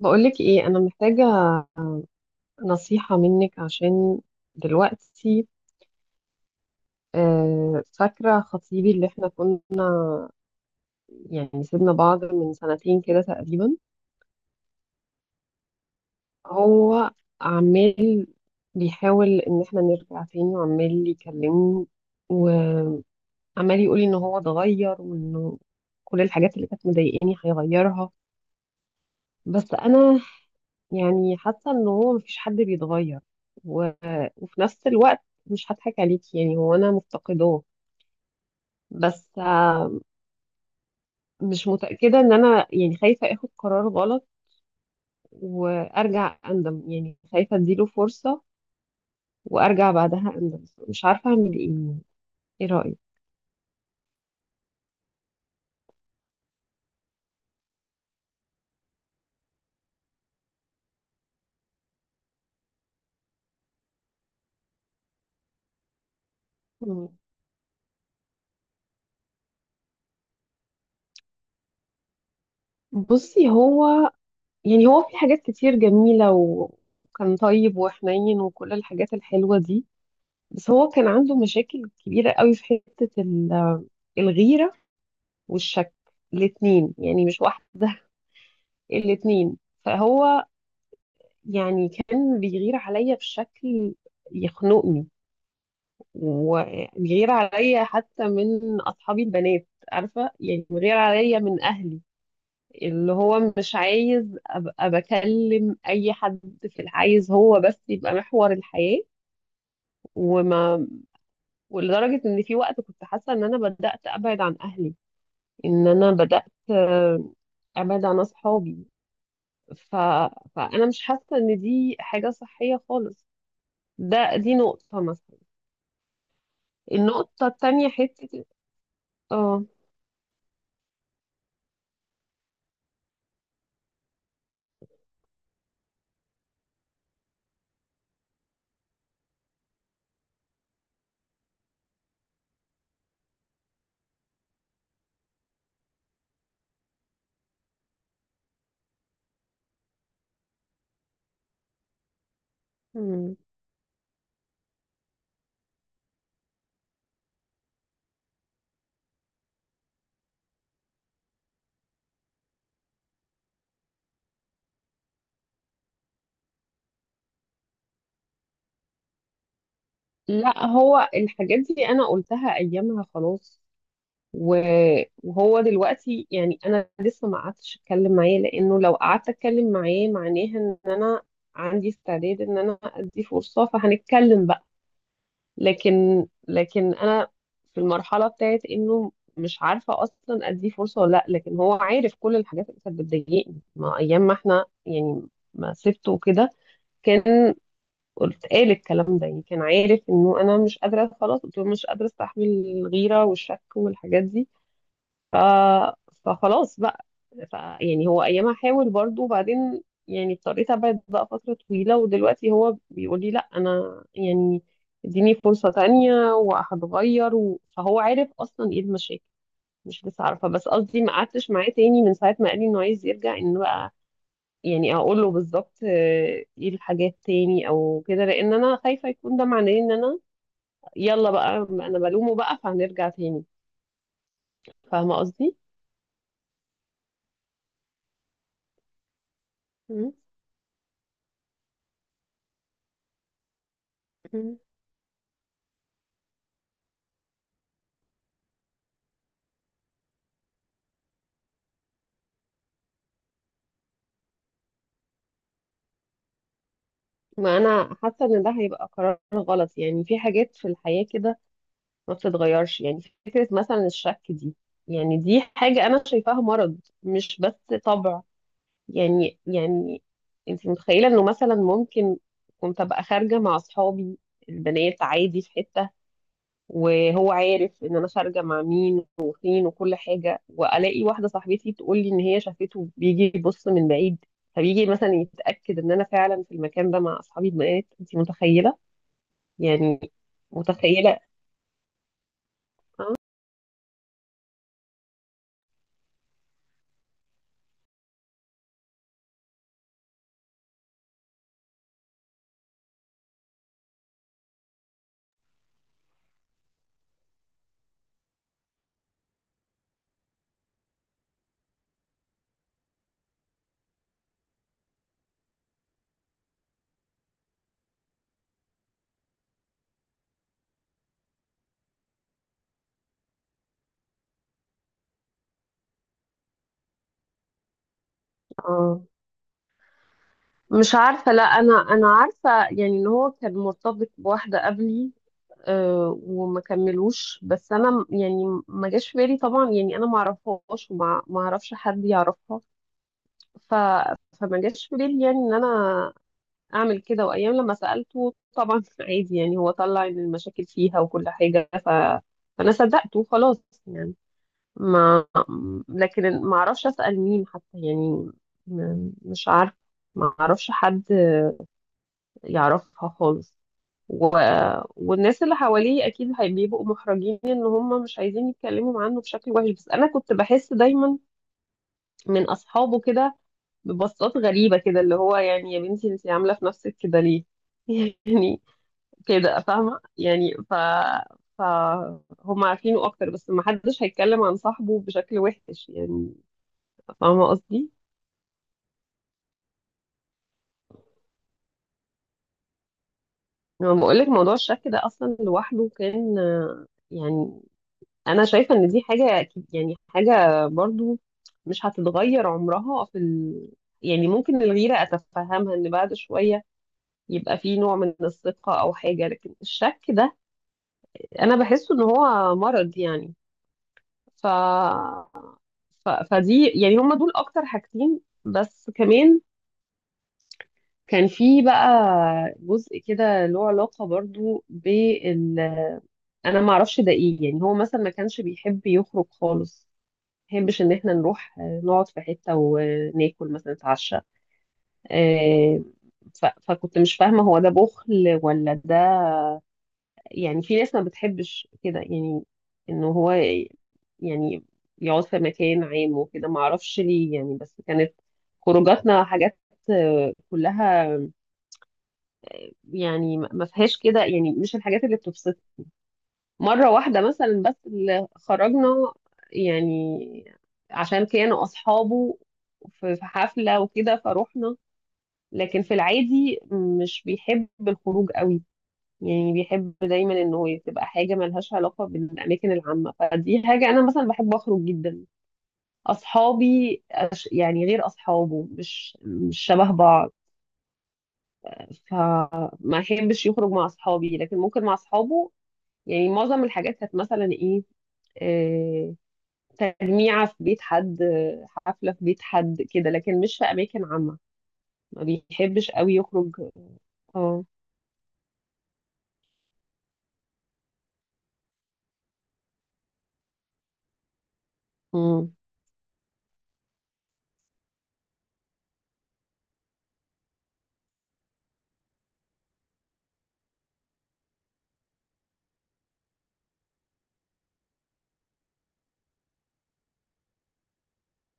بقولك ايه؟ انا محتاجة نصيحة منك عشان دلوقتي. فاكرة خطيبي اللي احنا كنا يعني سيبنا بعض من سنتين كده تقريبا. هو عمال بيحاول ان احنا نرجع تاني، وعمال يكلمني، وعمال يقولي ان هو اتغير وانه كل الحاجات اللي كانت مضايقاني هيغيرها. بس انا يعني حاسة ان هو مفيش حد بيتغير، و... وفي نفس الوقت مش هضحك عليك يعني هو انا مفتقداه. بس مش متأكدة، ان انا يعني خايفة اخد قرار غلط وارجع اندم، يعني خايفة اديله فرصة وارجع بعدها اندم. مش عارفة اعمل ايه يعني. ايه رأيك؟ مم. بصي، هو يعني هو في حاجات كتير جميلة و- وكان طيب وحنين وكل الحاجات الحلوة دي. بس هو كان عنده مشاكل كبيرة قوي في حتة ال- الغيرة والشك، الاتنين يعني مش واحدة الاتنين. فهو يعني كان بيغير عليا بشكل يخنقني، وبيغير عليا حتى من أصحابي البنات، عارفة؟ يعني بيغير عليا من أهلي، اللي هو مش عايز أبقى بكلم أي حد. عايز هو بس يبقى محور الحياة. وما ولدرجة إن في وقت كنت حاسة إن أنا بدأت أبعد عن أهلي، إن أنا بدأت آه، ابعد عن اصحابي. ف... فانا مش حاسه ان دي حاجه صحيه خالص. دي نقطه مثلا. النقطه التانية حته. اه. مم. لا، هو الحاجات دي انا قلتها ايامها خلاص. و- وهو دلوقتي، يعني انا لسه ما قعدتش اتكلم معاه لانه لو قعدت اتكلم معاه معناها ان انا عندي استعداد ان انا ادي فرصه فهنتكلم بقى. لكن انا في المرحله بتاعت انه مش عارفه اصلا اديه فرصه ولا لا. لكن هو عارف كل الحاجات اللي كانت بتضايقني، ما ايام ما احنا يعني ما سبته وكده، كان قال الكلام ده، يعني كان عارف انه انا مش قادره. خلاص، قلت له مش قادره استحمل الغيره والشك والحاجات دي. ف... فخلاص بقى. يعني هو ايامها حاول برضو، وبعدين يعني اضطريت ابعد بقى فترة طويلة. ودلوقتي هو بيقول لي لا انا يعني اديني فرصة تانية وهتغير، فهو عارف اصلا ايه المشاكل، مش لسه عارفة. بس قصدي، ما قعدتش معاه تاني من ساعة ما قال لي انه عايز يرجع، ان بقى يعني اقول له بالظبط ايه الحاجات تاني او كده، لان انا خايفة يكون ده معناه ان انا يلا بقى انا بلومه بقى فهنرجع تاني. فاهمة قصدي؟ مم. ما انا حاسه ان ده هيبقى قرار غلط، يعني في حاجات في الحياه كده ما بتتغيرش، يعني فكره مثلا الشك دي، يعني دي حاجه انا شايفاها مرض مش بس طبع. يعني انت متخيله انه مثلا ممكن كنت ابقى خارجه مع اصحابي البنات عادي في حته، وهو عارف ان انا خارجه مع مين وفين وكل حاجه، والاقي واحده صاحبتي تقول لي ان هي شافته بيجي يبص من بعيد، فبيجي مثلا يتاكد ان انا فعلا في المكان ده مع اصحابي البنات. انت متخيله؟ يعني متخيلة. اه، مش عارفة. لا، أنا عارفة يعني إن هو كان مرتبط بواحدة قبلي، أه، وما كملوش. بس أنا يعني ما جاش في بالي طبعا. يعني أنا ما أعرفهاش وما ما أعرفش حد يعرفها، ف فما جاش في بالي يعني إن أنا أعمل كده. وأيام لما سألته طبعا عادي، يعني هو طلع إن المشاكل فيها وكل حاجة، ف فأنا صدقته خلاص يعني. ما لكن ما اعرفش اسال مين حتى، يعني مش عارف، ما اعرفش حد يعرفها خالص. و... والناس اللي حواليه اكيد بيبقوا محرجين ان هم مش عايزين يتكلموا عنه بشكل وحش. بس انا كنت بحس دايما من اصحابه كده ببصات غريبه كده، اللي هو يعني يا بنتي انت عامله في نفسك كده ليه؟ يعني كده فاهمه يعني. ف فهم عارفينه اكتر، بس ما حدش هيتكلم عن صاحبه بشكل وحش يعني. فاهمة قصدي؟ لما بقول لك موضوع الشك ده أصلا لوحده، كان يعني أنا شايفة إن دي حاجة يعني حاجة برضو مش هتتغير عمرها يعني ممكن الغيرة أتفهمها إن بعد شوية يبقى في نوع من الثقة أو حاجة، لكن الشك ده أنا بحسه إن هو مرض يعني. ف... ف... فدي يعني هما دول أكتر حاجتين. بس كمان كان في بقى جزء كده له علاقة برضو انا ما اعرفش ده ايه يعني. هو مثلا ما كانش بيحب يخرج خالص، ما بيحبش ان احنا نروح نقعد في حته وناكل مثلا نتعشى. آه، ف- فكنت مش فاهمه هو ده بخل ولا ده، يعني في ناس ما بتحبش كده، يعني انه هو يعني يقعد في مكان عام وكده ما اعرفش ليه يعني. بس كانت خروجاتنا حاجات كلها يعني ما فيهاش كده يعني، مش الحاجات اللي بتبسطني. مرة واحدة مثلا بس اللي خرجنا يعني عشان كانوا أصحابه في حفلة وكده، فروحنا. لكن في العادي مش بيحب الخروج قوي. يعني بيحب دايما انه تبقى حاجة ملهاش علاقة بالأماكن العامة. فدي حاجة أنا مثلا بحب أخرج جدا. أصحابي يعني غير أصحابه، مش شبه بعض. فما أحبش يخرج مع أصحابي لكن ممكن مع أصحابه. يعني معظم الحاجات كانت مثلا إيه، آه، تجميعة في بيت حد، حفلة في بيت حد كده، لكن مش في أماكن عامة. ما بيحبش قوي يخرج. اه. مم.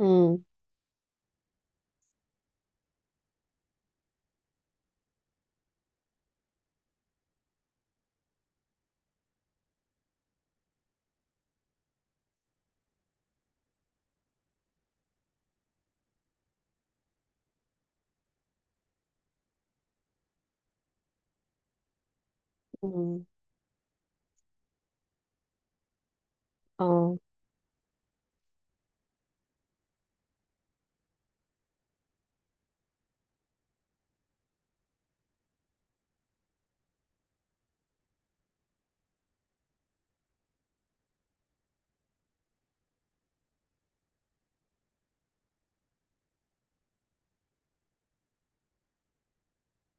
مم. مم. اه،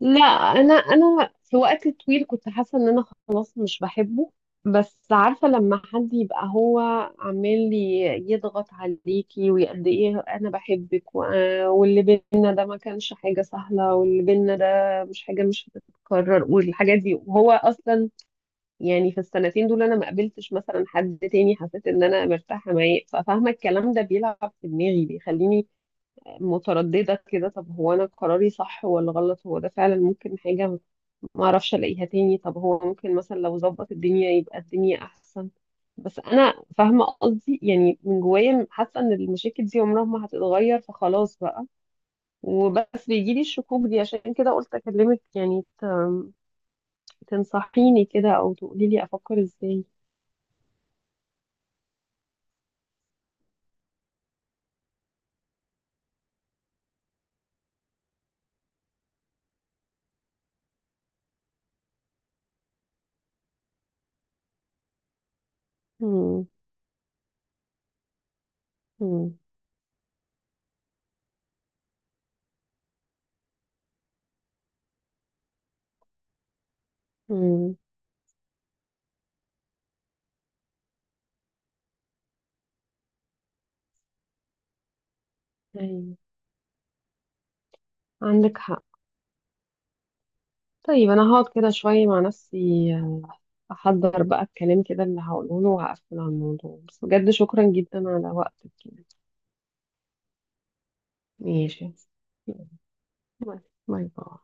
لا أنا في وقت طويل كنت حاسة إن أنا خلاص مش بحبه. بس عارفة، لما حد يبقى هو عمال يضغط عليكي وقد إيه أنا بحبك واللي بينا ده ما كانش حاجة سهلة، واللي بينا ده مش حاجة مش هتتكرر والحاجات دي، وهو أصلا يعني في السنتين دول انا ما قابلتش مثلا حد تاني حسيت ان انا مرتاحه معاه. ففاهمه الكلام ده بيلعب في دماغي، بيخليني متردده كده، طب هو انا قراري صح ولا غلط، هو ده فعلا ممكن حاجه ما اعرفش الاقيها تاني، طب هو ممكن مثلا لو ظبط الدنيا يبقى الدنيا احسن. بس انا فاهمه قصدي يعني، من جوايا حاسه ان المشاكل دي عمرها ما هتتغير، فخلاص بقى. وبس بيجيلي الشكوك دي، عشان كده قلت اكلمك يعني تنصحيني كده او تقولي لي افكر ازاي. مم. مم. مم. أيوة، عندك حق. طيب، أنا هقعد كده شوية مع نفسي، أحضر بقى الكلام كده اللي هقوله له وهقفل على الموضوع. بس بجد شكرا جدا على وقتك كده. ماشي. باي. باي.